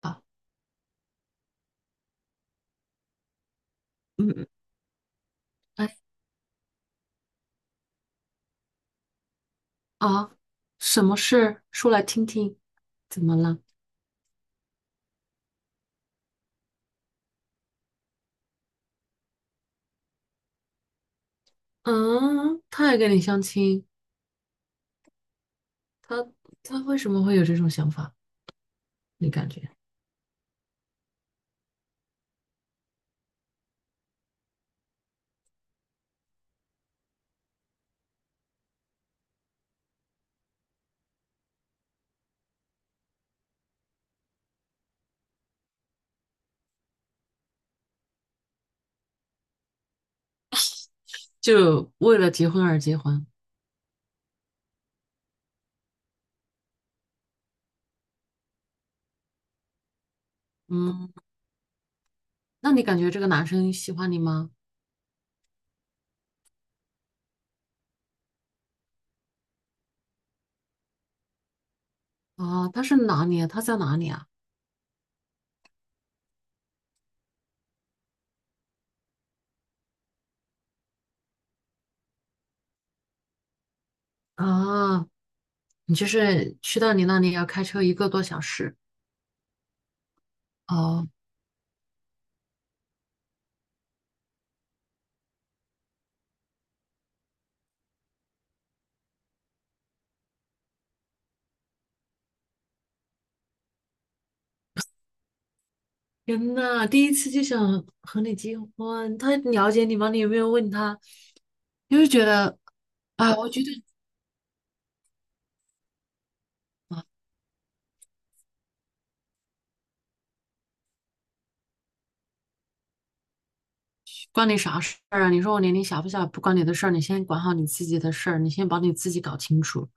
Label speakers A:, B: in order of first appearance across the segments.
A: 啊，嗯，哎啊，什么事？说来听听。怎么了？嗯，他也跟你相亲，他他为什么会有这种想法？你感觉就为了结婚而结婚？嗯，那你感觉这个男生喜欢你吗？啊，他是哪里啊？他在哪里啊？啊，你就是去到你那里要开车1个多小时。哦，天呐，第一次就想和你结婚，他了解你吗？你有没有问他？就是觉得，啊，我觉得。啊关你啥事儿啊？你说我年龄小不小，不关你的事儿，你先管好你自己的事儿，你先把你自己搞清楚。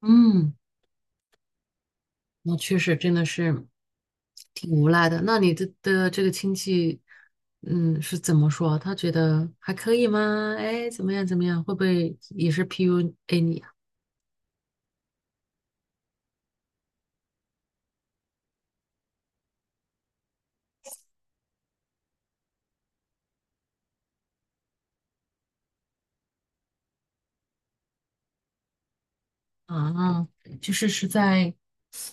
A: 嗯，我确实真的是挺无奈的。那你的这个亲戚，嗯，是怎么说？他觉得还可以吗？哎，怎么样怎么样？会不会也是 PUA 你啊？啊，就是是在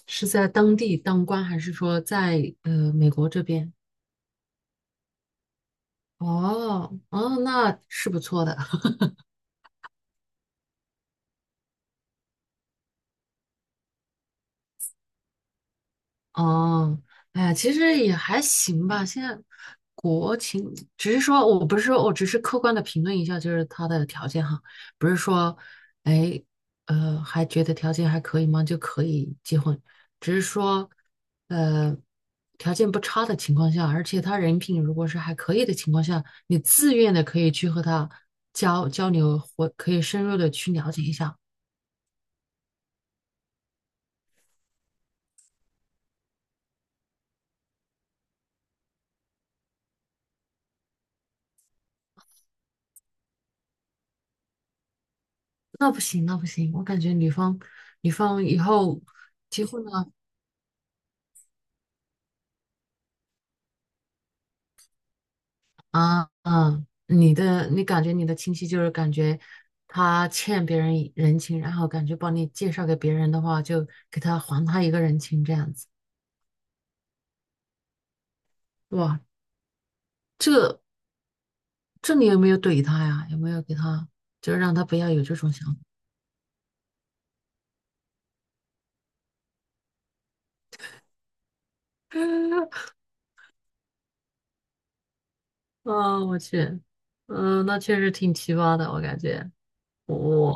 A: 是在当地当官，还是说在美国这边？哦哦，那是不错的。哦，哎呀，其实也还行吧。现在国情，只是说我不是说我只是客观的评论一下，就是他的条件哈，不是说，哎，还觉得条件还可以吗？就可以结婚，只是说，呃，条件不差的情况下，而且他人品如果是还可以的情况下，你自愿的可以去和他交流，或可以深入的去了解一下。那不行，那不行，我感觉女方以后结婚了。啊嗯，你的你感觉你的亲戚就是感觉他欠别人一人情，然后感觉帮你介绍给别人的话，就给他还他一个人情这样子。哇，这这你有没有怼他呀？有没有给他就是让他不要有这种想法？啊，我去，嗯，那确实挺奇葩的，我感觉。我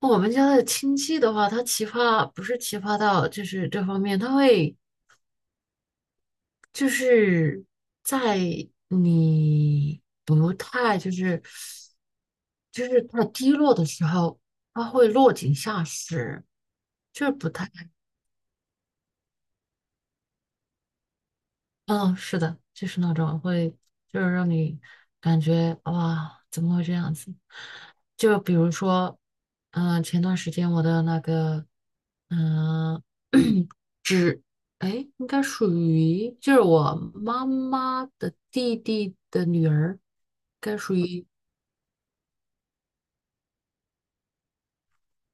A: 我们家的亲戚的话，他奇葩不是奇葩到就是这方面，他会。就是在你不太就是太低落的时候，他会落井下石，就是不太。嗯，是的，就是那种会，就是让你感觉哇，怎么会这样子？就比如说，嗯、前段时间我的那个，嗯、只，哎，应该属于就是我妈妈的弟弟的女儿，应该属于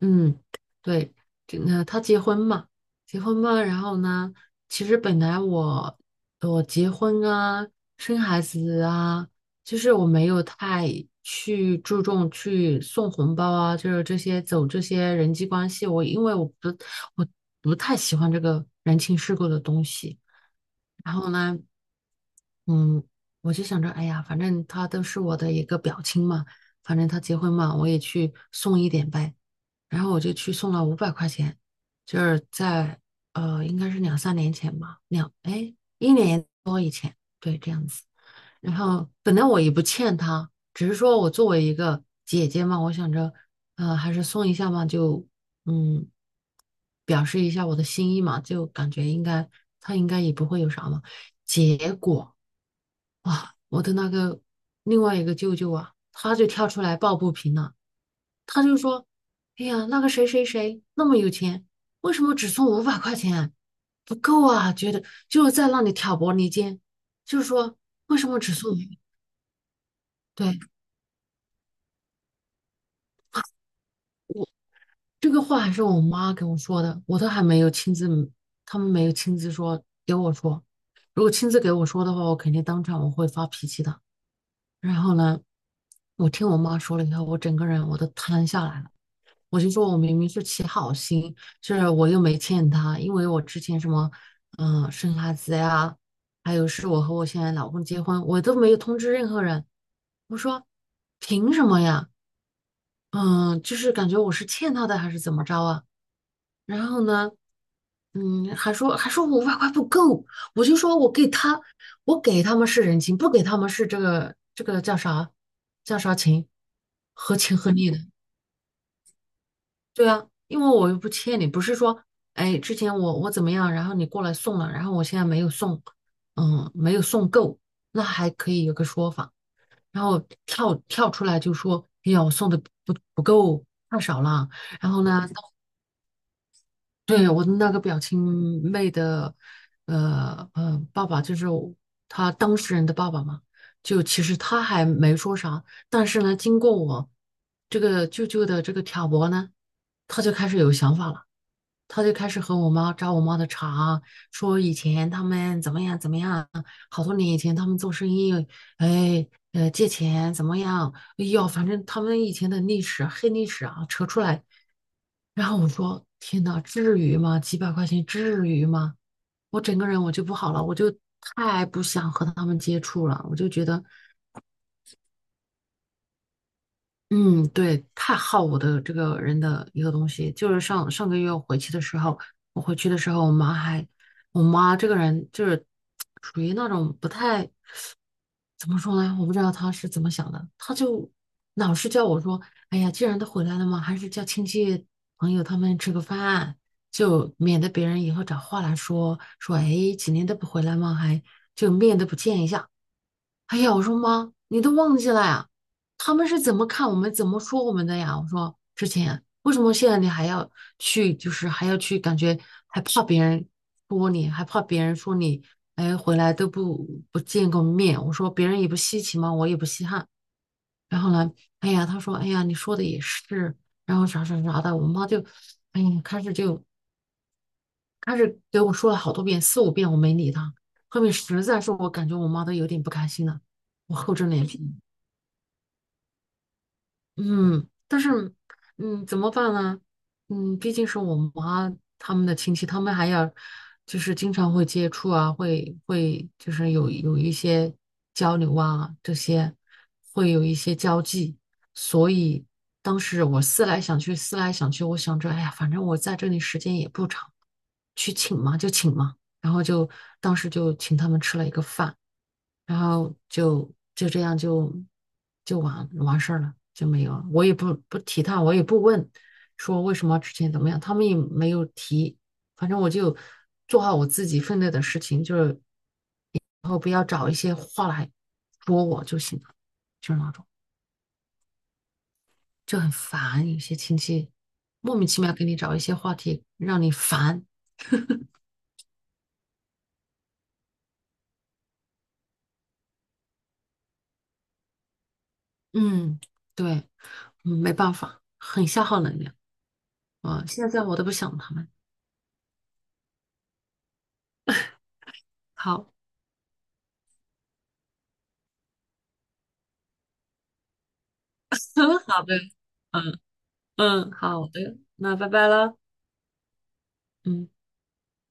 A: 嗯，对，这个他结婚嘛，结婚嘛，然后呢，其实本来我结婚啊，生孩子啊，就是我没有太去注重去送红包啊，就是这些走这些人际关系，我因为我不太喜欢这个人情世故的东西，然后呢，嗯，我就想着，哎呀，反正他都是我的一个表亲嘛，反正他结婚嘛，我也去送一点呗。然后我就去送了五百块钱，就是在应该是两三年前吧，两哎1年多一对这样。然后本来我也不欠他，只是说我作为一个姐姐嘛，我想着还是送一下嘛，就嗯表示一下我的心意嘛，就感觉应该他应该也不会有啥嘛。结果啊，我的那个另外一个舅舅啊，他就跳出来抱不平了。他就说：“哎呀，那个谁谁谁那么有钱，为什么只送五百块钱啊不够啊！觉得就是在那里挑拨离间，就是说为什么只送你？对，这个话还是我妈给我说的，我都还没有亲自，他们没有亲自说给我说。如果亲自给我说的话，我肯定当场我会发脾气的。然后呢，我听我妈说了以后，我整个人我都瘫下来了。我就说我明明是起好心，是我又没欠他，因为我之前什么，嗯、生孩子呀，还有是我和我现在老公结婚，我都没有通知任何人。我说凭什么呀？嗯，就是感觉我是欠他的还是怎么着啊？然后呢，嗯，还说我五百块不够，我就说我给他，我给他们是人情，不给他们是这个叫啥情，合情合理的。对啊，因为我又不欠你，不是说，哎，之前我怎么样，然后你过来送了，然后我现在没有送，嗯，没有送够，那还可以有个说法，然后跳出来就说，哎呀，我送的不够，太少了，然后呢，对我的那个表亲妹的，爸爸就是我他当事人的爸爸嘛，就其实他还没说啥，但是呢，经过我这个舅舅的这个挑拨呢，他就开始有想法了。他就开始和我妈扎我妈的茬，说以前他们怎么样怎么样，好多年以前他们做生意，哎，借钱怎么样？哎呦，反正他们以前的历史黑历史啊，扯出来。然后我说：“天呐，至于吗？几百块钱至于吗？”我整个人我就不好了，我就太不想和他们接触了，我就觉得嗯，对，太耗我的这个人的一个东西，就是上上个月我回去的时候，我回去的时候，我妈还，我妈这个人就是属于那种不太，怎么说呢？我不知道她是怎么想的，她就老是叫我说，哎呀，既然都回来了嘛，还是叫亲戚朋友他们吃个饭，就免得别人以后找话来说，说，哎，几年都不回来嘛，还就面都不见一下。哎呀，我说妈，你都忘记了呀？他们是怎么看我们、怎么说我们的呀？我说之前为什么现在你还要去，就是还要去，感觉还怕别人说你，还怕别人说你，哎，回来都不见个面。我说别人也不稀奇嘛，我也不稀罕。然后呢，哎呀，他说，哎呀，你说的也是，然后啥啥啥的，我妈就，哎呀，开始就开始给我说了好多遍，四五遍，我没理他。后面实在是我感觉我妈都有点不开心了，我厚着脸皮。嗯，但是，嗯，怎么办呢？嗯，毕竟是我妈他们的亲戚，他们还要就是经常会接触啊，会就是有一些交流啊，这些会有一些交际，所以当时我思来想去，思来想去，我想着，哎呀，反正我在这里时间也不长，去请嘛就请嘛，然后就当时就请他们吃了一个饭。然后就这样就完事儿了，就没有了。我也不提他，我也不问说为什么之前怎么样，他们也没有提。反正我就做好我自己分内的事情，就是然后不要找一些话来说我就行了，就是那种就很烦。有些亲戚莫名其妙给你找一些话题让你烦，嗯，对，嗯没办法，很消耗能量啊。现在我都不想他们。好。嗯，好的，嗯嗯，好的，那拜拜了，嗯。